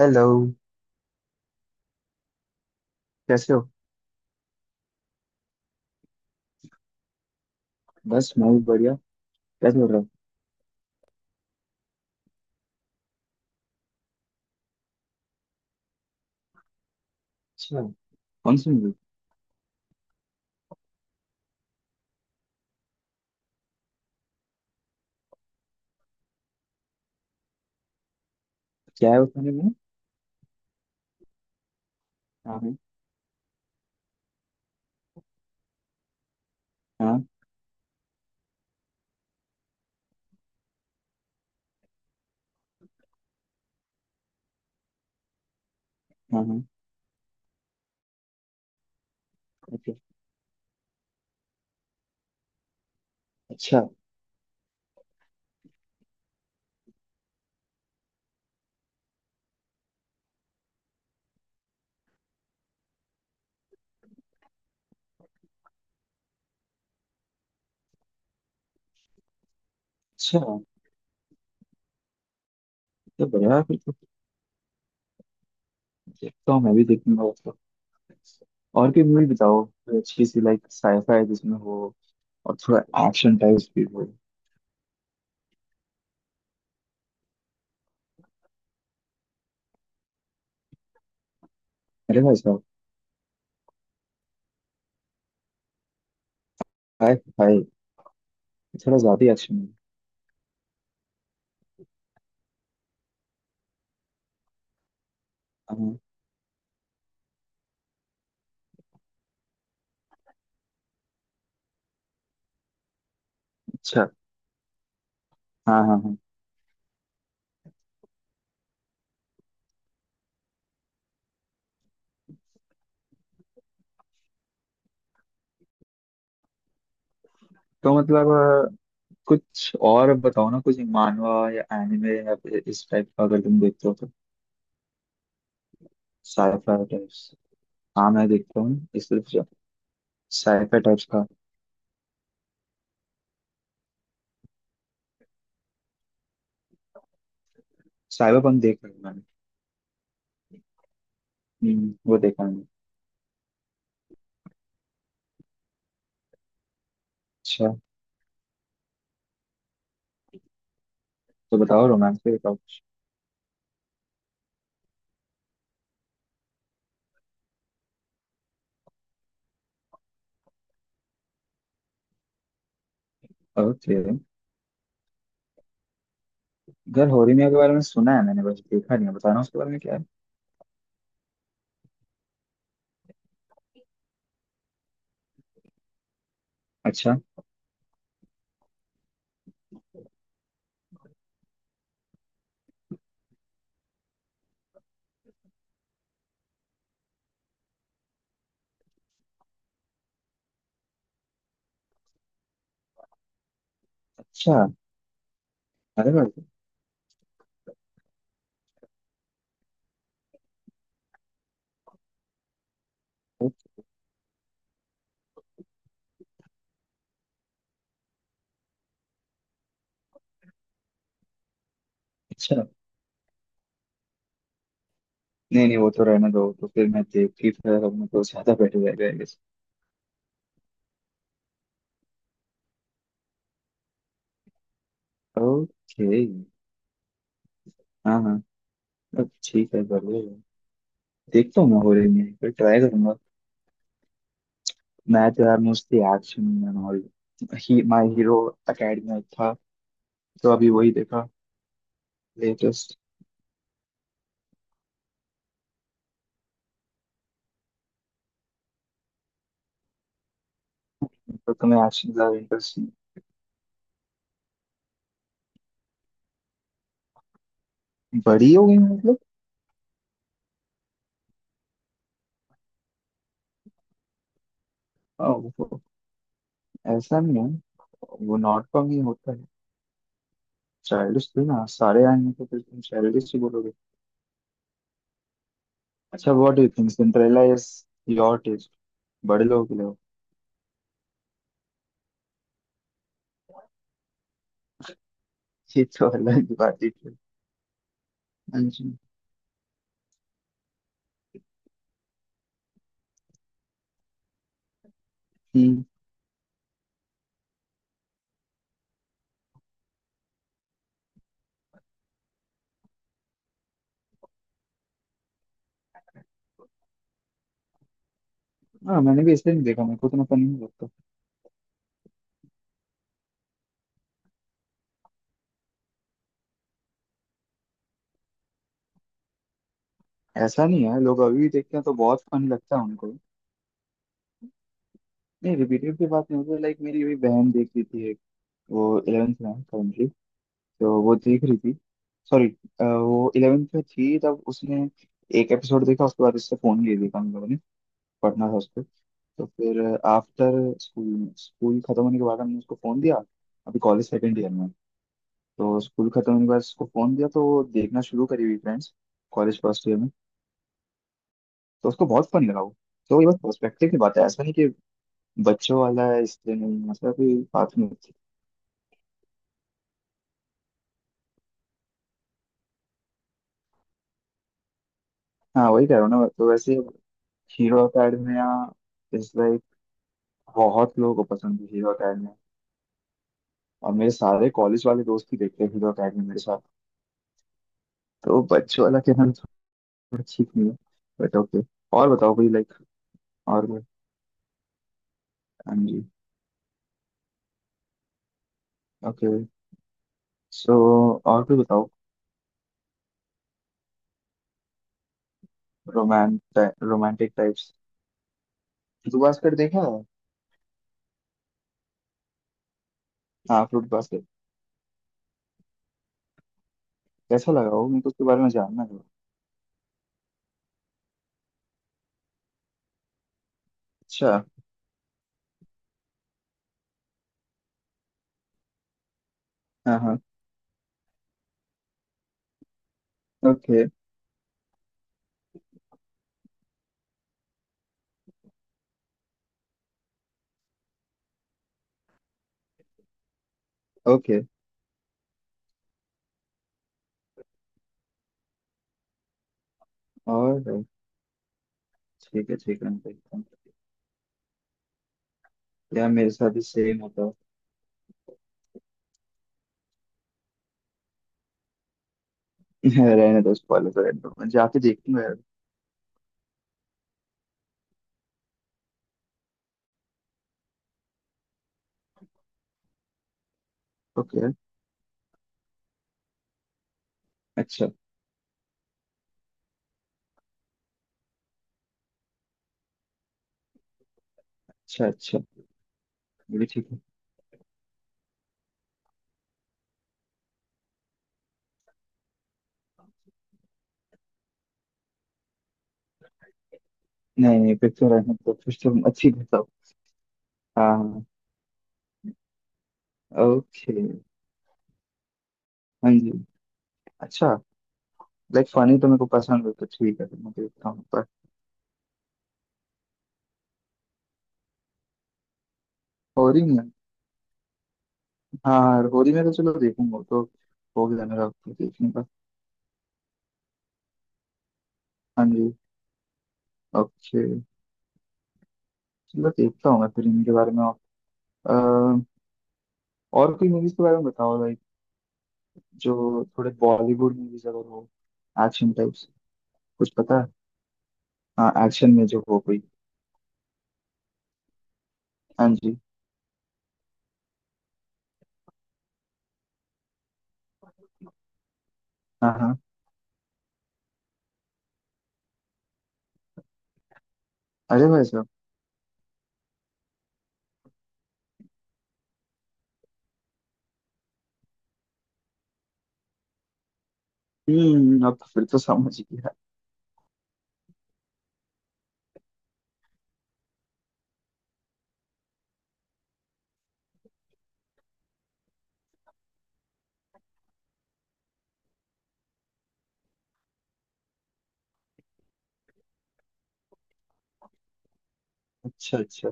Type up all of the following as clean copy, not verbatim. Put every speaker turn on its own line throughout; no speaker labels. Hello. कैसे हो? बस मैं भी बढ़िया। क्या चल रहा है? अच्छा। कौन सी मूवी? क्या है उसमें में? हाँ हाँ। हाँ हाँ हाँ, ओके। अच्छा। अच्छा तो बढ़िया है, फिर तो। देखता हूँ, मैं भी देखूंगा उसको। और कोई मूवी बताओ, कोई अच्छी सी लाइक साइफाई जिसमें हो, और थोड़ा एक्शन टाइप भी हो। अरे भाई साहब। हाय। हाय। थोड़ा ज्यादा ही एक्शन है। हाँ, अच्छा। हाँ हाँ हाँ। तो मतलब कुछ और बताओ ना, कुछ मानवा या एनिमे या फिर इस टाइप का अगर तुम देखते हो तो। Cipher types. हाँ मैं देखता हूँ इस तरफ से, साइफर टाइप्स का। साइबर पंक देख रहा हूँ मैंने। वो देखा मैंने। अच्छा। तो बताओ, रोमांस पे बताओ। ओके। घर होरीमिया के बारे में सुना है मैंने, बस देखा नहीं है। बताना उसके बारे में क्या है। अच्छा अच्छा। अरे भाई। ओ, अच्छा। नहीं नहीं, वो तो रहने दो, तो फिर मैं देख के फिर अपने तो ज्यादा बेटर रहेगा। ओके। हाँ हाँ। अब ठीक है, बढ़िया है। देखता हूँ मैं होरीमिया, फिर ट्राई करूंगा। मैं तो यार मोस्टली एक्शन एंड ऑल। ही माय हीरो एकेडमी था, तो अभी वही देखा, लेटेस्ट। तो तुम्हें एक्शन ज्यादा इंटरेस्ट? बड़ी हो गई मतलब? अ, वो ऐसा नहीं है, वो नॉट कॉम ही होता है। चाइल्डिश थी ना, सारे आएंगे तो फिर तुम चाइल्डिश ही बोलोगे। अच्छा, what do you think Cinderella is your taste बड़े लोगों के लिए हो। ये तो अलग की बात ही थी। हाँ जी। हम्म। हाँ मैंने भी इसलिए नहीं देखा, मेरे को तो ना फनी नहीं लगता। ऐसा नहीं है, लोग अभी भी देखते हैं तो बहुत फनी लगता है उनको। नहीं, रिपीटेड की बात नहीं होती। लाइक मेरी अभी बहन देख रही थी, एक। वो इलेवेंथ में है currently, तो वो देख रही थी। सॉरी, वो इलेवेंथ में थी तब उसने एक एपिसोड देखा, उसके बाद उससे फोन ले देखा हम लोगों ने, पढ़ना था उसको। तो फिर आफ्टर स्कूल, स्कूल खत्म होने के बाद हमने उसको फोन दिया। अभी कॉलेज सेकेंड ईयर में। तो स्कूल खत्म होने के बाद उसको फोन दिया तो वो देखना शुरू करी हुई फ्रेंड्स, कॉलेज फर्स्ट ईयर में। तो उसको बहुत फन लगा वो। तो ये बस पर्सपेक्टिव की बात है, ऐसा नहीं कि बच्चों वाला है इसलिए नहीं, मतलब कोई बात नहीं। हाँ वही कह रहा हूँ ना, तो वैसे हीरो अकेडमिया इज लाइक बहुत लोगों को पसंद है हीरो अकेडमिया। और मेरे सारे कॉलेज वाले दोस्त ही देखते हैं हीरो अकेडमी मेरे साथ। तो बच्चों वाला कहना तो थोड़ा ठीक नहीं है, बट ओके। और बताओ कोई लाइक। और। M G. ओके। सो और कोई बताओ। Romant romantic types. Fruit basket देखा है? हाँ फ्रूट बास्केट। कैसा लगा वो, मेरे को उसके बारे में जानना था। अच्छा। हाँ हाँ। ओके। ओके। और ठीक है, ठीक है, देखता हूँ। यार मेरे साथ भी सेम होता है, रहने दो। स्पॉइलर तो रहने दो, मैं जाके देखूंगा यार। ओके यार। अच्छा अच्छा। अच्छा, ये भी ठीक है। नहीं नहीं, फिर तो रहने दो, फिर तो अच्छी बताओ। हाँ। ओके। हाँ जी। अच्छा। लाइक फनी तो मेरे को पसंद है तो ठीक है, तो मैं तो देखता हूँ पर। होरी में? हाँ हाँ, होरी में तो चलो देखूंगा वो तो, हो गया मेरा तो देखने का। हाँ जी। ओके। चलो देखता हूँ मैं फिर इनके बारे में। और अ, और कोई मूवीज के बारे में बताओ like, जो थोड़े बॉलीवुड मूवीज अगर हो, एक्शन टाइप्स, कुछ पता है? हाँ एक्शन में जो हो कोई। हाँ जी। हाँ हाँ। अरे भाई साहब। हम्म, अब तो फिर तो समझ गया। अच्छा अच्छा।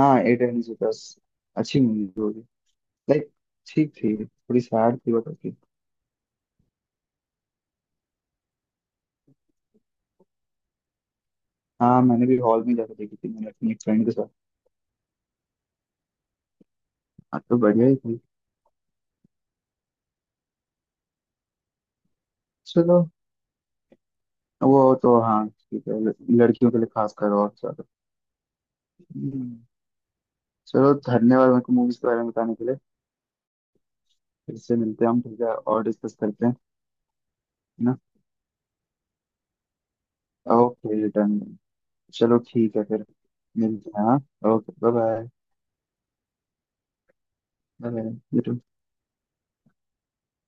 हाँ, एट एंड दस। अच्छी मूवी होगी। लाइक ठीक थी, थोड़ी सैड थी, बट ओके। हाँ मैंने भी हॉल में जाकर देखी थी, मैंने अपनी एक फ्रेंड के साथ। हाँ तो बढ़िया ही थी। चलो, वो तो हाँ ठीक है। लड़कियों के लिए खास कर और ज्यादा। हम्म, चलो धन्यवाद, मेरे को मूवीज के बारे में बताने के लिए। फिर से मिलते हैं हम, ठीक है, और डिस्कस करते हैं। है ना? Okay done. चलो ठीक है, फिर मिलते हैं हाँ। Okay, bye bye bye.